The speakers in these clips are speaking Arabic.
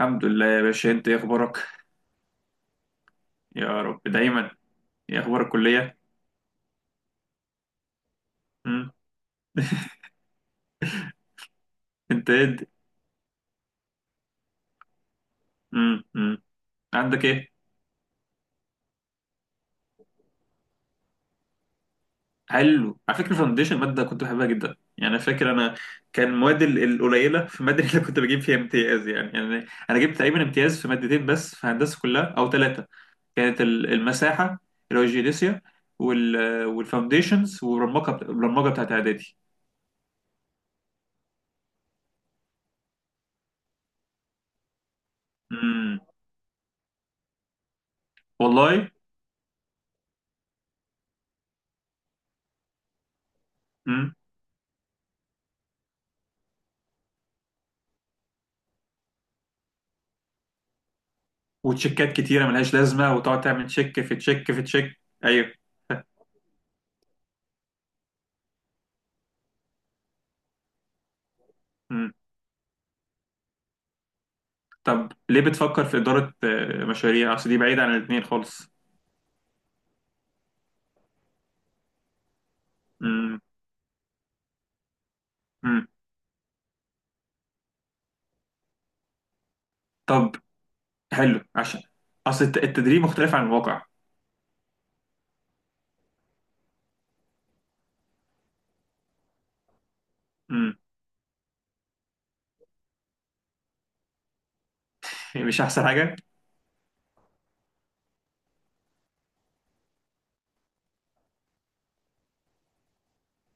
الحمد لله يا باشا، انت ايه اخبارك؟ يا رب دايما. ايه اخبار الكليه؟ امم. انت ايه امم، امم. عندك ايه؟ حلو، على فكره فاونديشن ماده كنت بحبها جدا، يعني انا فاكر انا كان مواد القليله في الماده اللي كنت بجيب فيها امتياز، يعني انا جبت تقريبا امتياز في مادتين بس في هندسه كلها او ثلاثه. كانت المساحه، اللي هو الجيوديسيا، وال والفاونديشنز والبرمجه، البرمجه بتاعت اعدادي. امم. والله. وتشيكات كتيره ملهاش لازمه، وتقعد تعمل تشيك في تشيك في تشيك. ايوه. مم. طب ليه بتفكر في اداره مشاريع؟ اصل دي بعيده عن الاثنين خالص. مم. مم. طب، حلو. عشان اصل التدريب مختلف عن الواقع. مم. مش احسن حاجه.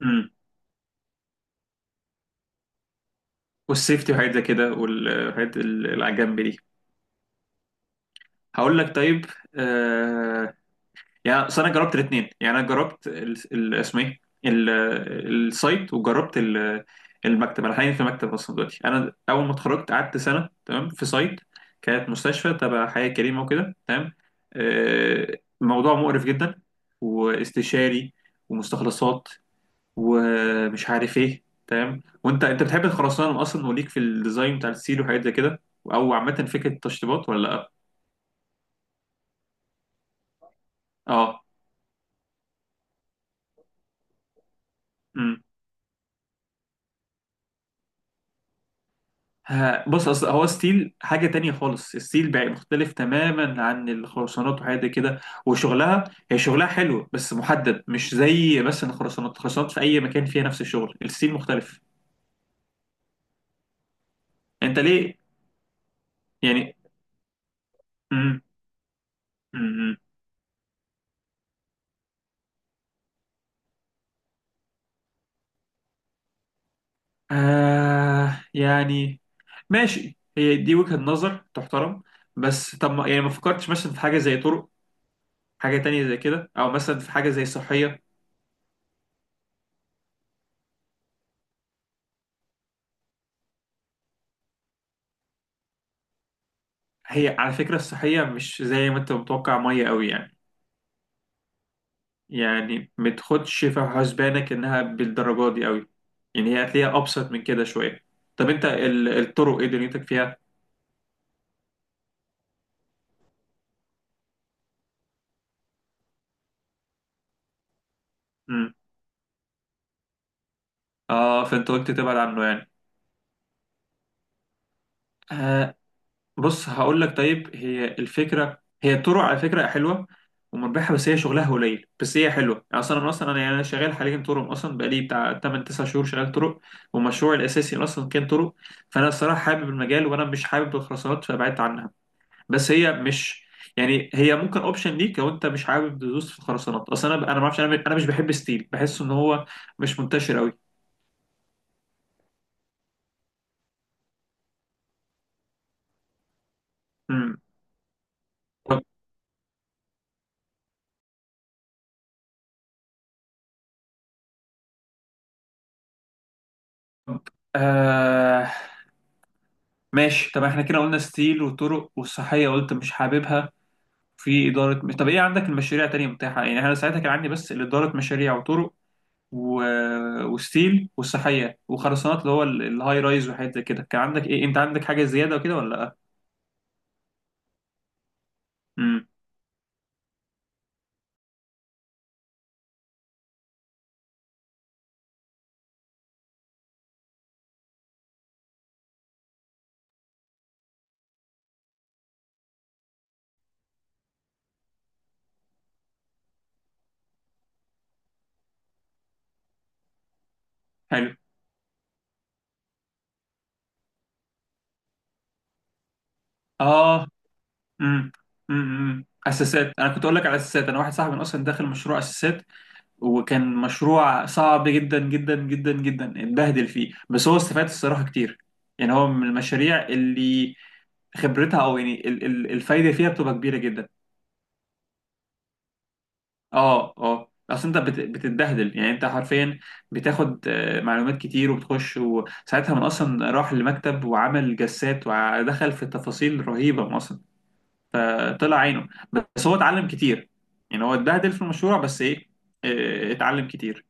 مم. والسيفتي وحاجات زي كده، والحاجات اللي على الجنب دي. هقول لك طيب. آه، يعني أصل انا جربت الاثنين، يعني انا جربت اسمه ايه السايت، وجربت المكتب. انا حاليا في مكتب اصلا، دلوقتي انا اول ما اتخرجت قعدت سنه تمام في سايت، كانت مستشفى تبع حياه كريمه وكده، تمام. موضوع مقرف جدا، واستشاري، ومستخلصات، ومش عارف ايه، تمام. وانت، بتحب الخرسانه اصلا وليك في الديزاين بتاع السيل وحاجات زي كده، او عامه فكره التشطيبات، ولا لا؟ اه. ها، بص، اصل هو ستيل حاجه تانية خالص. الستيل بقى مختلف تماما عن الخرسانات وحاجات دي كده، وشغلها، هي شغلها حلو بس محدد، مش زي مثلا الخرسانات. الخرسانات في اي مكان فيها نفس الشغل، الستيل مختلف. انت ليه، يعني؟ امم. امم. آه، يعني ماشي، هي دي وجهة نظر تحترم. بس طب، ما يعني ما فكرتش مثلا في حاجه زي طرق، حاجه تانية زي كده، او مثلا في حاجه زي صحيه؟ هي على فكره الصحيه مش زي ما انت متوقع ميه قوي يعني. يعني ما تاخدش في حسبانك انها بالدرجه دي قوي، يعني هي هتلاقيها ابسط من كده شويه. طب انت الطرق ايه دنيتك فيها؟ امم. اه، فانت قلت تبعد عنه يعني. آه. بص، هقول لك طيب، هي الفكره، هي الطرق على فكره حلوه ومربحه، بس هي شغلها قليل، بس هي حلوه يعني. اصلا انا، أنا شغال حاليا طرق اصلا، بقالي بتاع 8 9 شهور شغال طرق، ومشروعي الاساسي اصلا كان طرق. فانا الصراحه حابب المجال، وانا مش حابب الخرسانات، فبعدت عنها. بس هي مش، يعني هي ممكن اوبشن ليك لو انت مش حابب تدوس في الخرسانات. اصل انا ما اعرفش، انا مش بحب ستيل، بحس ان هو مش منتشر قوي. امم. طب، آه ماشي. طب احنا كده قلنا ستيل وطرق، والصحيه قلت مش حاببها، في اداره. طب ايه عندك المشاريع تانية متاحه؟ يعني انا ساعتها كان عندي بس اداره مشاريع وطرق و... وستيل والصحيه وخرسانات اللي هو الهاي رايز وحاجات زي كده. كان عندك ايه؟ انت عندك حاجه زياده وكده، ولا لا؟ امم. حلو. اه. امم. امم، اساسات. انا كنت اقول لك على اساسات. انا واحد صاحبي اصلا داخل مشروع اساسات، وكان مشروع صعب جدا جدا جدا جدا، اتبهدل فيه، بس هو استفاد الصراحه كتير. يعني هو من المشاريع اللي خبرتها، او يعني الفايده فيها بتبقى كبيره جدا. اه، اه، اصل انت بتتبهدل، يعني انت حرفيا بتاخد معلومات كتير، وبتخش، وساعتها من اصلا راح لمكتب وعمل جسات ودخل في تفاصيل رهيبه من اصلا، فطلع عينه، بس هو اتعلم كتير. يعني هو اتبهدل في المشروع، بس ايه، اتعلم كتير.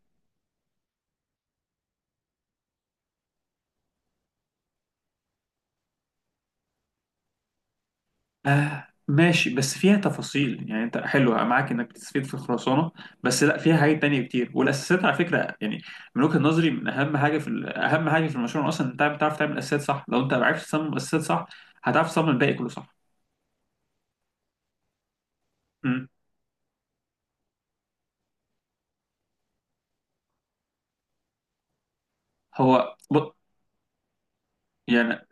آه ماشي، بس فيها تفاصيل يعني. انت حلو معاك انك بتستفيد في الخرسانه، بس لا فيها حاجات تانية كتير. والاساسات على فكره يعني من وجهه نظري من اهم حاجه في اهم حاجه في المشروع اصلا. انت بتعرف تعمل اساسات صح، لو انت عرفت تصمم الاساسات صح هتعرف تصمم الباقي كله صح. امم. هو بط... يعني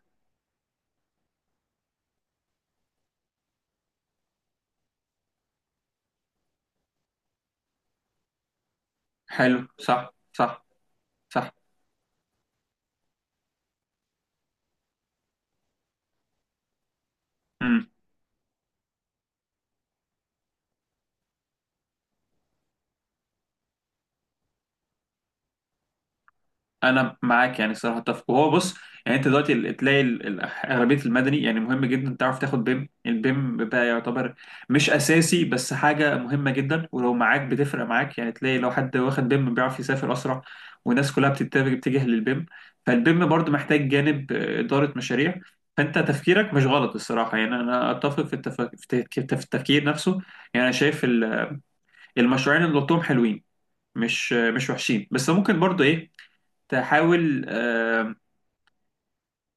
حلو. صح، صح، صح. انا معاك يعني الصراحه، اتفق. وهو بص، يعني انت دلوقتي تلاقي اغلبيه المدني يعني مهم جدا تعرف تاخد بيم. البيم بقى يعتبر مش اساسي، بس حاجه مهمه جدا، ولو معاك بتفرق معاك يعني. تلاقي لو حد واخد بيم بيعرف يسافر اسرع، والناس كلها بتتجه، للبيم. فالبيم برضو محتاج جانب اداره مشاريع. فانت تفكيرك مش غلط الصراحه، يعني انا اتفق في في التفكير، نفسه. يعني انا شايف المشروعين اللي قلتهم حلوين، مش مش وحشين، بس ممكن برضو ايه، تحاول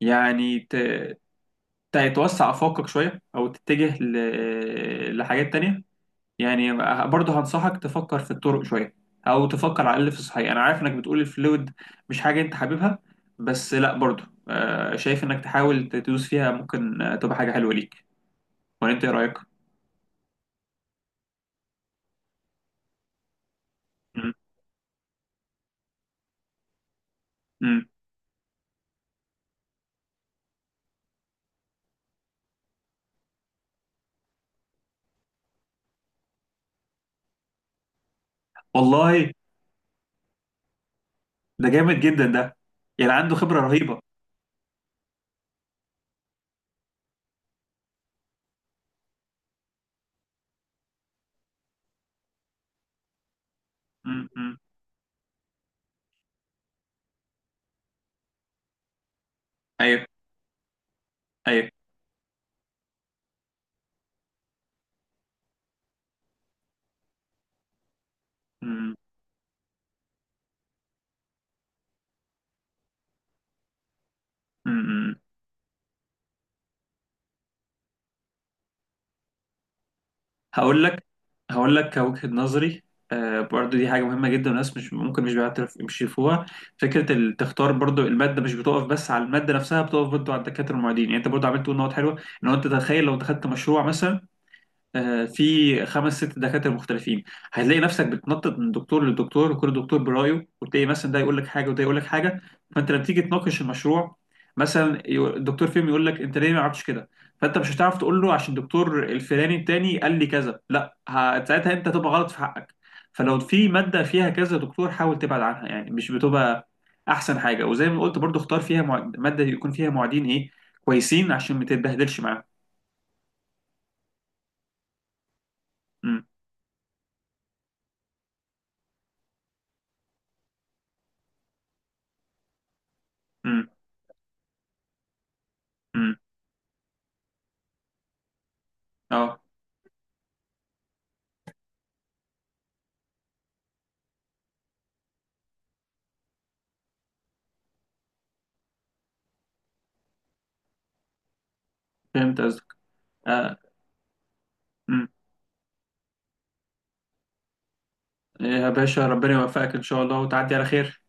يعني تتوسع أفاقك شوية، أو تتجه لحاجات تانية. يعني برضه هنصحك تفكر في الطرق شوية، أو تفكر على الأقل في الصحيح. أنا عارف إنك بتقول الفلويد مش حاجة أنت حاببها، بس لأ، برضه شايف إنك تحاول تدوس فيها، ممكن تبقى حاجة حلوة ليك. ولا أنت إيه رأيك؟ مم. مم. والله، ده جامد جدا ده، يعني عنده خبرة رهيبة. مم. مم. أيوه. أيوه. مم. مم. هقول لك، هقول لك كوجهة نظري، آه برضو دي حاجة مهمة جدا، والناس مش ممكن، مش بيعترف، مش يشوفوها. فكرة تختار برضو المادة مش بتقف بس على المادة نفسها، بتقف برضو على الدكاترة المعيدين. يعني انت برضو عملت تقول نقط حلوة. ان هو انت تخيل لو دخلت مشروع مثلا في خمس ست دكاترة مختلفين، هتلاقي نفسك بتنطط من دكتور لدكتور، وكل دكتور برايه، وتلاقي مثلا ده يقول لك حاجة وده يقول لك حاجة. فانت لما تيجي تناقش المشروع مثلا، الدكتور فيهم يقول لك انت ليه ما عملتش كده، فانت مش هتعرف تقول له عشان الدكتور الفلاني التاني قال لي كذا، لا، ساعتها انت هتبقى غلط في حقك. فلو في مادة فيها كذا دكتور حاول تبعد عنها، يعني مش بتبقى احسن حاجة. وزي ما قلت برضو، اختار فيها مادة يكون فيها معيدين ايه، كويسين، عشان ما تتبهدلش معاهم. امم. امم. امم. اه، فهمت قصدك. آه. أمم. يا باشا ربنا يوفقك إن شاء الله، وتعدي على خير.